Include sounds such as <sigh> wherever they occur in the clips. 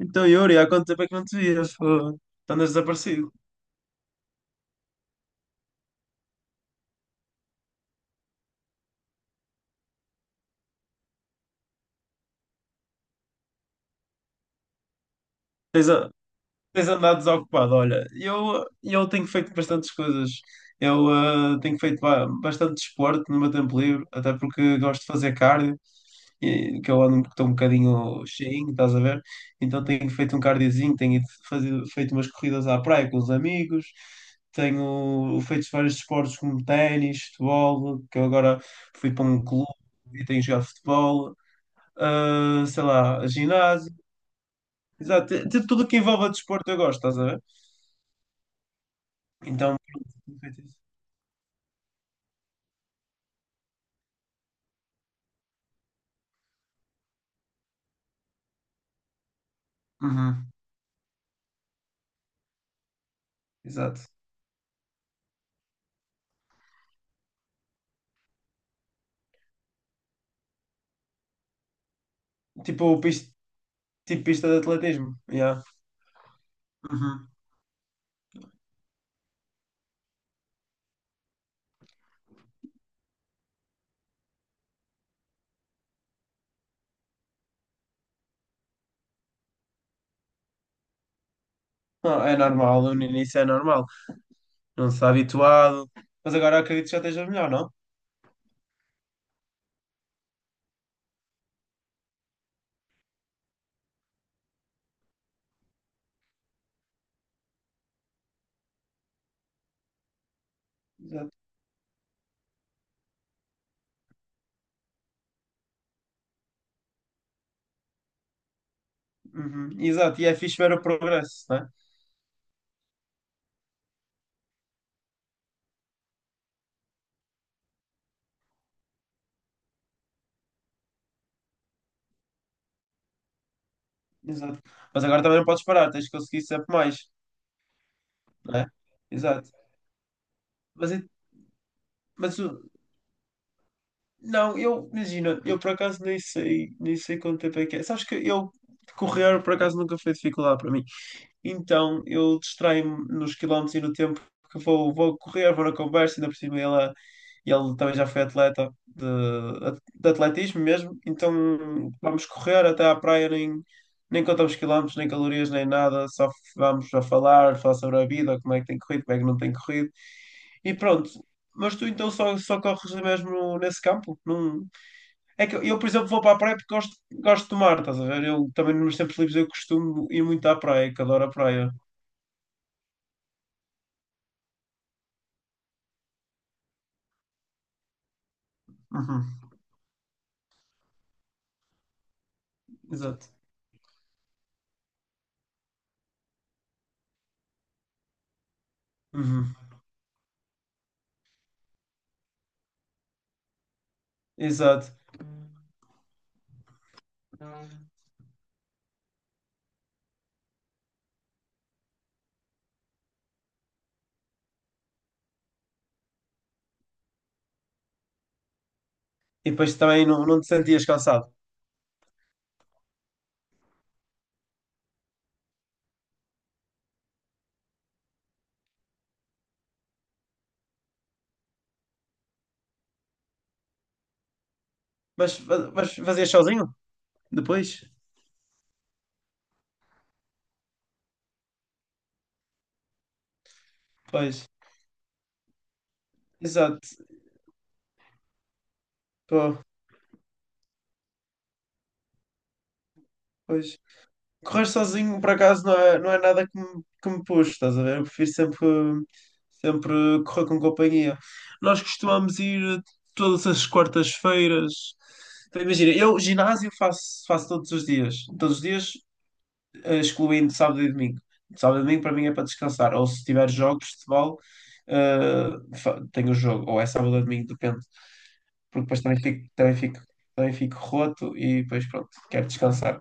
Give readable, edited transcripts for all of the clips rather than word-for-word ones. Então, Yuri, há quanto tempo é que não te vias? Fogo. Tu andas desaparecido. Tens, a- Tens andado desocupado. Olha, eu tenho feito bastantes coisas. Eu tenho feito bastante desporto no meu tempo livre, até porque gosto de fazer cardio, e, que eu ando, estou um bocadinho cheinho, estás a ver? Então tenho feito um cardiozinho, tenho ido fazer, feito umas corridas à praia com os amigos, tenho feito vários desportos como ténis, futebol, que eu agora fui para um clube e tenho jogado futebol. Sei lá, ginásio, exato, de tudo que envolve desporto eu gosto, estás a ver? Então, pronto, tenho feito isso. Uhum, exato. Tipo, pista, tipo pista de atletismo, yeah. Uhum. Não, é normal, no início é normal, não se está habituado, mas agora acredito que já esteja melhor, não? Exato. Uhum, exato, e é fixe ver o progresso, né? Exato. Mas agora também não podes parar, tens que conseguir sempre mais, né? Exato. Mas, e- mas o- Não, eu, imagina, eu por acaso nem sei, nem sei quanto tempo é que é. Sabes que eu correr por acaso nunca foi dificuldade para mim. Então eu distraio-me nos quilómetros e no tempo, porque vou, vou correr, vou na conversa, ainda por cima ele também já foi atleta de atletismo mesmo. Então vamos correr até à praia, nem, nem contamos quilómetros, nem calorias, nem nada, só vamos a falar, falar sobre a vida, como é que tem corrido, como é que não tem corrido. E pronto. Mas tu então só, só corres mesmo nesse campo? Não... É que eu, por exemplo, vou para a praia porque gosto, gosto de mar, estás a ver? Eu também nos tempos livres eu costumo ir muito à praia, que adoro a praia. Uhum, exato. Uhum, exato. E depois também não, não te sentias cansado. Mas fazias sozinho? Depois? Pois. Exato. Pô, pois. Correr sozinho, por acaso, não é, não é nada que me, que me puxe, estás a ver? Eu prefiro sempre, sempre correr com companhia. Nós costumamos ir todas as quartas-feiras. Então, imagina, eu ginásio faço, faço todos os dias. Todos os dias excluindo sábado e domingo. Sábado e domingo para mim é para descansar. Ou se tiver jogos de futebol, tenho o jogo. Ou é sábado ou domingo, depende. Porque depois também fico roto e depois pronto, quero descansar.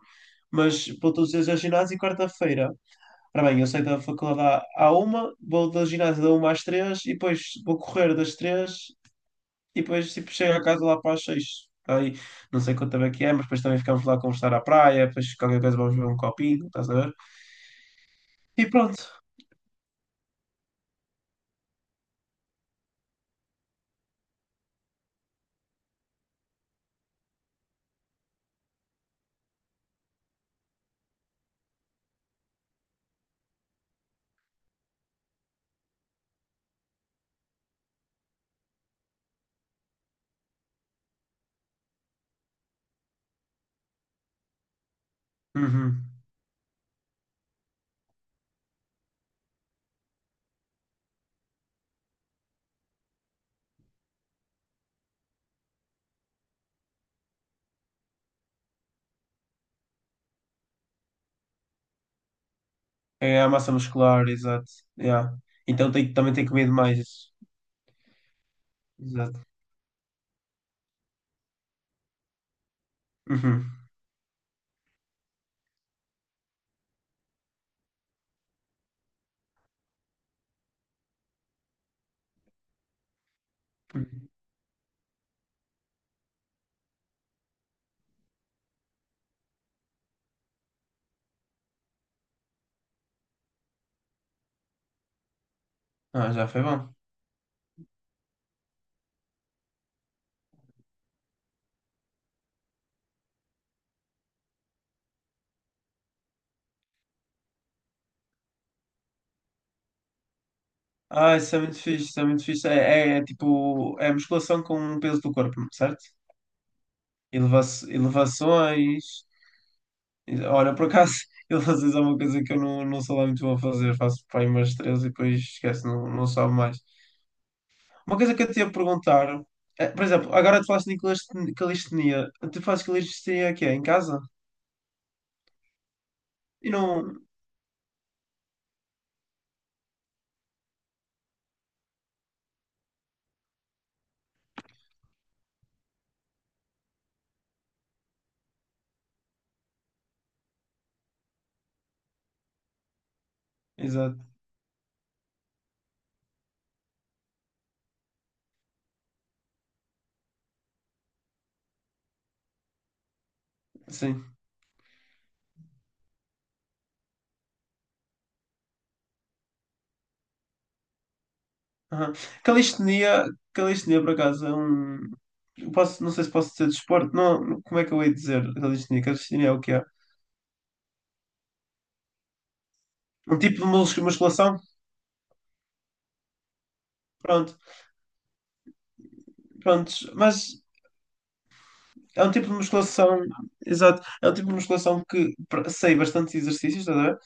Mas vou todos os dias ao ginásio e quarta-feira. Ora bem, eu saio da faculdade à uma, vou da ginásio da uma às três e depois vou correr das três e depois tipo, chego a casa lá para as seis. Tá aí, não sei quanto tempo é que é, mas depois também ficamos lá a conversar à praia, depois qualquer coisa vamos ver um copinho, estás a ver? E pronto, uhum. É a massa muscular, exato. Yeah. Então tem, também tem comido mais. Exato. Uhum. Uhum. Ah, já foi bom. Ah, isso é muito fixe, isso é muito fixe. É tipo, é musculação com o peso do corpo, certo? Eleva elevações. Olha, por acaso, <laughs> elevações é uma coisa que eu não, não sou lá muito bom a fazer. Faço para aí umas três e depois esquece, não, não sobe mais. Uma coisa que eu te ia perguntar, é, por exemplo, agora tu falaste de calistenia. Tu fazes calistenia aqui, em casa? E não. Exato. Sim. Aham. Calistenia, Calistenia por acaso é um. Eu posso, não sei se posso dizer desporto, não, como é que eu hei de dizer calistenia? Calistenia é o que é? Um tipo de musculação? Pronto, prontos. Mas é um tipo de musculação, exato, é um tipo de musculação que sei bastantes exercícios, estás a ver?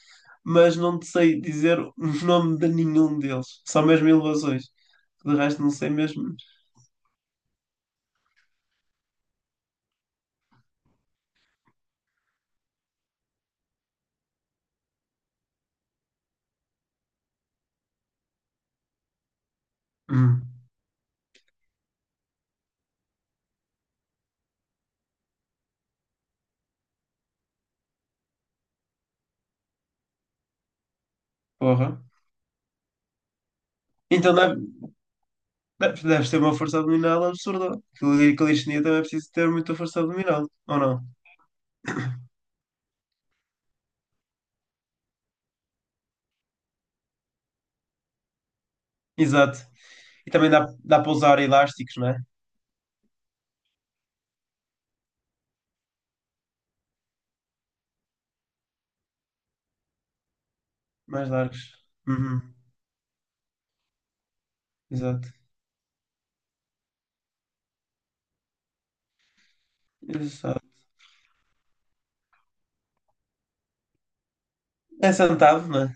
Mas não te sei dizer o nome de nenhum deles, só mesmo elevações. De resto, não sei mesmo. Hum, porra. Então, deve, Deve- deves ter uma força abdominal absurda. Aquilo de calistenia também é preciso ter muita força abdominal, ou não? Exato. E também dá, dá para usar elásticos, não é? Mais largos. Uhum. Exato. Exato. É sentado, não é?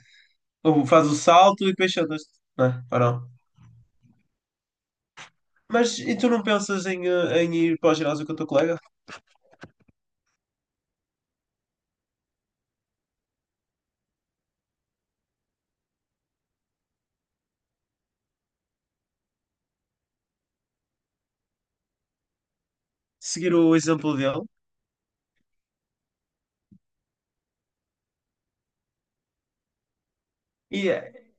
Ou faz o salto e depois sentas-te, não é? Ou não? Mas e tu não pensas em, em ir para o ginásio com o teu colega? Seguir o exemplo dele. E eh,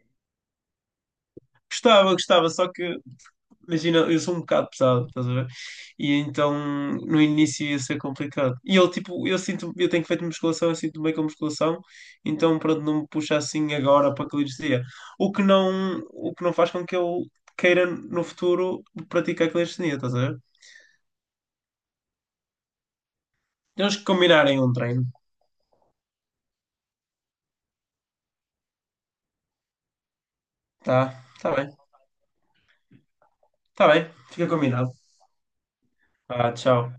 Gostava, gostava, só que imagina, eu sou um bocado pesado, estás a ver? E então no início ia ser complicado. E ele, tipo, eu sinto, eu tenho feito musculação, eu sinto bem com musculação, então pronto, não me puxa assim agora para calistenia. O que não faz com que eu queira no futuro praticar calistenia, estás a ver? Temos que combinarem um treino, tá? Tá bem, fica combinado. Ah, tchau.